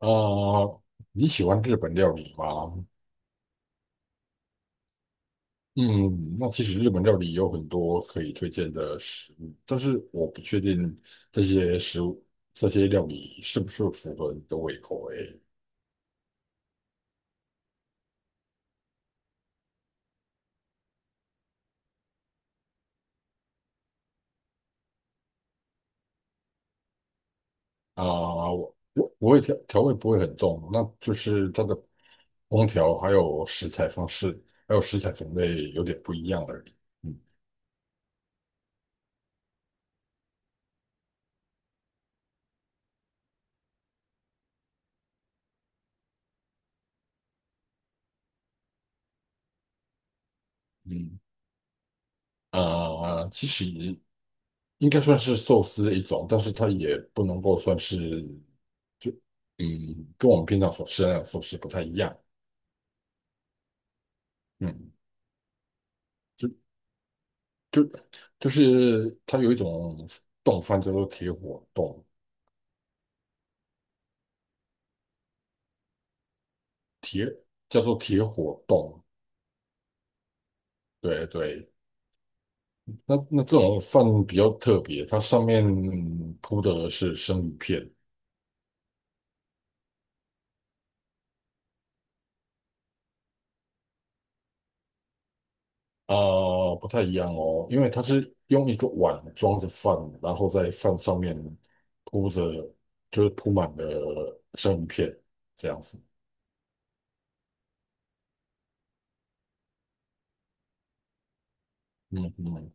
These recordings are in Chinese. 啊，你喜欢日本料理吗？嗯，那其实日本料理有很多可以推荐的食物，但是我不确定这些食物、这些料理是不是符合你的胃口诶。啊、我也调味不会很重，那就是它的烹调还有食材方式，还有食材种类有点不一样而已。嗯嗯，其实应该算是寿司的一种，但是它也不能够算是，就嗯，跟我们平常所吃的那种寿司不太一样。嗯，就就就是它有一种冻饭叫做铁火冻，叫做铁火冻。对对，那这种饭比较特别，它上面铺的是生鱼片。啊，不太一样哦，因为它是用一个碗装着饭，然后在饭上面铺着，就是铺满了生鱼片这样子。嗯嗯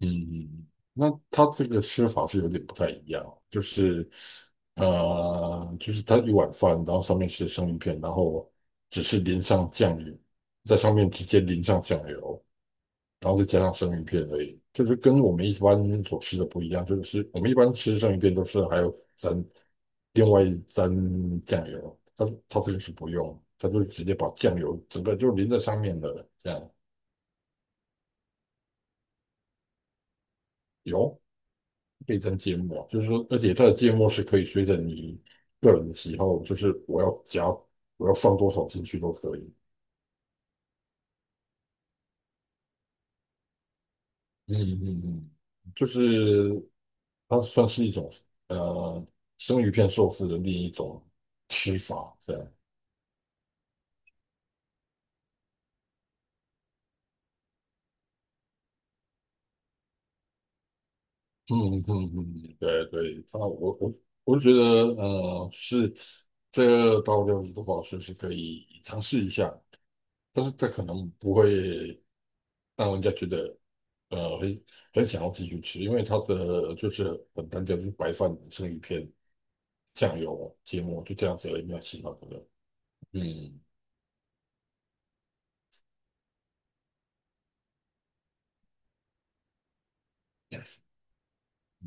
嗯，那它这个吃法是有点不太一样哦，就是就是它一碗饭，然后上面是生鱼片，然后只是淋上酱油，在上面直接淋上酱油，然后再加上生鱼片而已，就是跟我们一般所吃的不一样，就是我们一般吃生鱼片都是还有沾另外沾酱油，它这个是不用，它就直接把酱油整个就淋在上面的，这样有可以沾芥末。就是说，而且它的芥末是可以随着你个人的喜好，就是我要放多少进去都可以。嗯嗯嗯，就是它算是一种呃生鱼片寿司的另一种吃法，这样。嗯嗯嗯，对对，它我就觉得是这个道料理的话，是是可以尝试一下，但是这可能不会让人家觉得很很想要继续吃，因为它的就是很单调，就是白饭、生鱼片、酱油、芥末，就这样子而已，没有其他的了。嗯。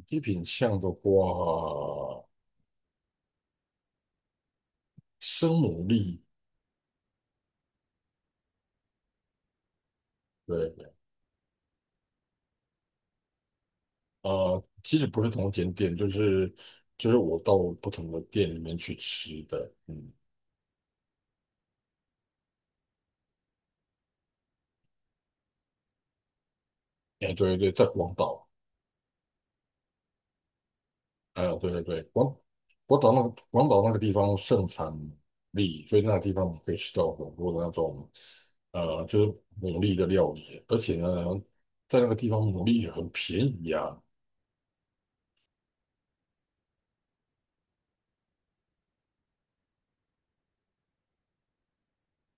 一品项的话，生牡蛎，对。其实不是同一间店，就是就是我到不同的店里面去吃的，嗯。哎，对对，在广岛，还有对对对，广岛那个地方盛产牡蛎，所以那个地方可以吃到很多的那种，就是牡蛎的料理，而且呢，在那个地方牡蛎也很便宜啊。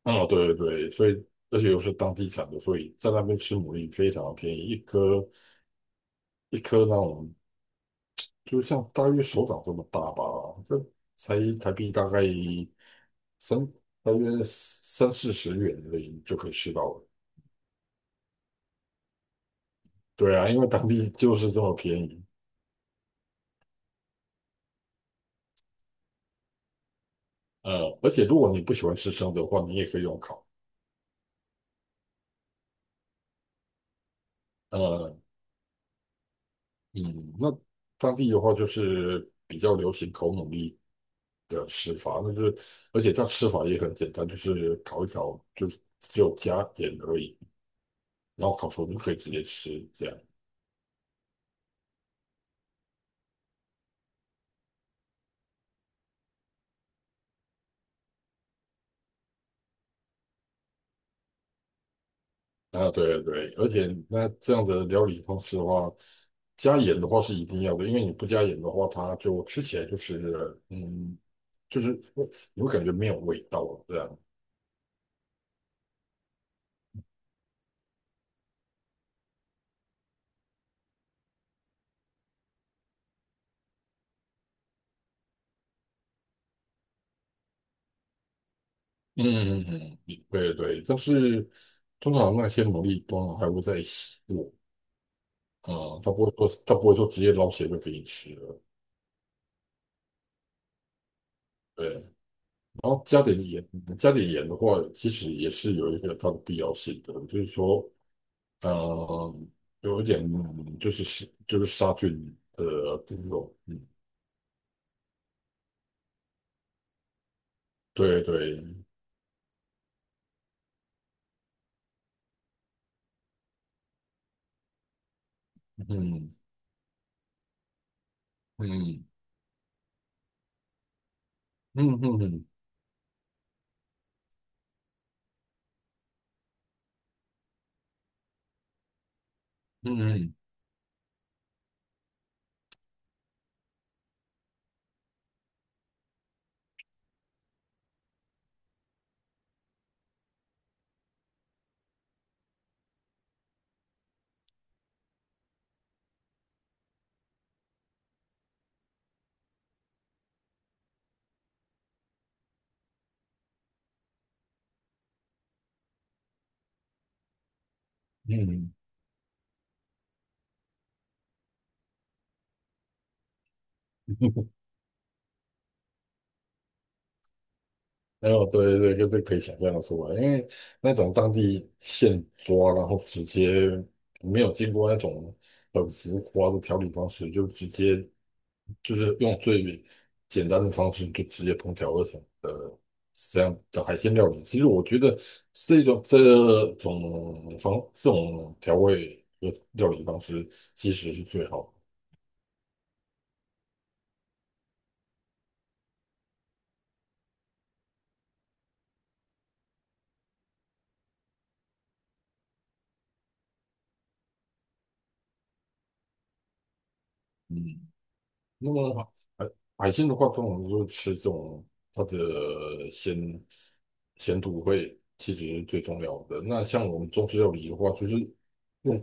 哦，对对对，所以而且又是当地产的，所以在那边吃牡蛎非常便宜，一颗那种，就像大约手掌这么大吧，这才台币大概三大约三四十元而已就可以吃到了。对啊，因为当地就是这么便宜。而且如果你不喜欢吃生的话，你也可以用烤。呃，嗯，那当地的话就是比较流行烤牡蛎的吃法，那就是而且它吃法也很简单，就是烤一烤，就是只有加盐而已，然后烤熟就可以直接吃这样。啊，对对，而且那这样的料理方式的话，加盐的话是一定要的，因为你不加盐的话，它就吃起来就是就是会你会感觉没有味道这样。嗯嗯嗯，嗯对对，但是通常那些牡蛎通常还会再洗过，嗯，它不会说直接捞起来就给你吃了。对。然后加点盐，加点盐的话，其实也是有一个它的必要性的。就是说，呃，有一点就是杀菌的作用，嗯，对对，嗯嗯嗯嗯嗯嗯嗯嗯。没有，对对，就是可以想象的出来，因为那种当地现抓，然后直接没有经过那种很浮夸的调理方式，就直接就是用最简单的方式就直接烹调而成。是这样的海鲜料理，其实我觉得这种这这种调味的料理方式其实是最好的。嗯，那么海海鲜的话，通常就是吃这种它的鲜鲜度会其实是最重要的。那像我们中式料理的话，就是用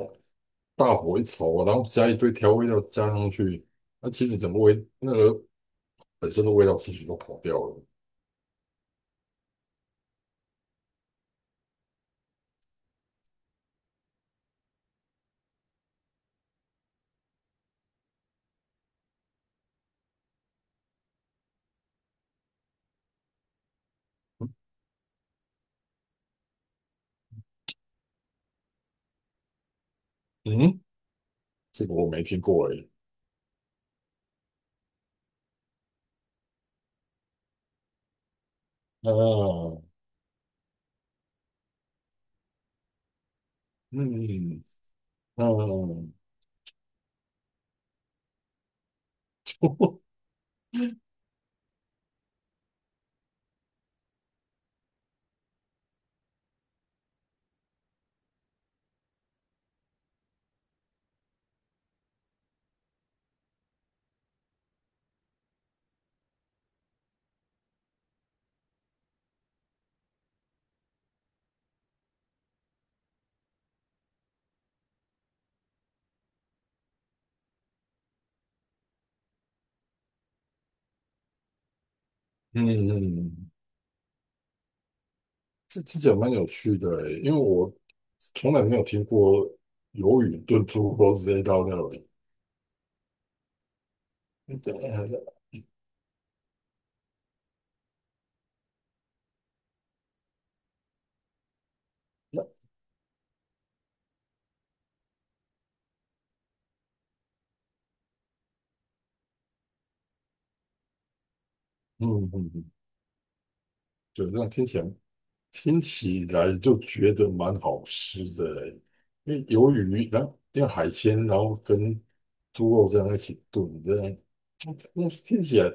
大火一炒，然后加一堆调味料加上去，那其实整个味那个本身的味道其实都跑掉了。嗯，这个我没听过诶。啊嗯嗯，嗯，这这讲蛮有趣的欸，因为我从来没有听过鱿鱼炖猪肉这一道料理。那嗯嗯，嗯对，那听起来就觉得蛮好吃的欸，因为鱿鱼，然后因为海鲜，然后跟猪肉这样一起炖，这样。嗯，那听起来，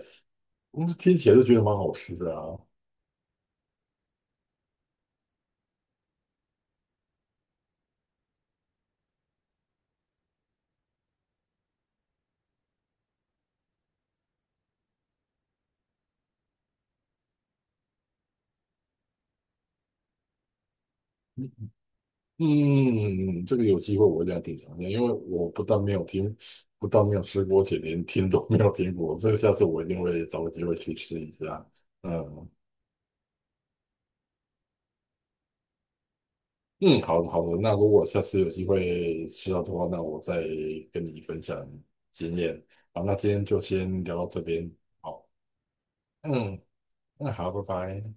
嗯，听起来就觉得蛮好吃的啊。嗯，这个有机会我一定要品尝一下，因为我不但没有听，不但没有吃过，且连听都没有听过。这个下次我一定会找个机会去吃一下。嗯嗯，好的好的，那如果下次有机会吃到的话，那我再跟你分享经验。好，那今天就先聊到这边。好，嗯，那好，拜拜。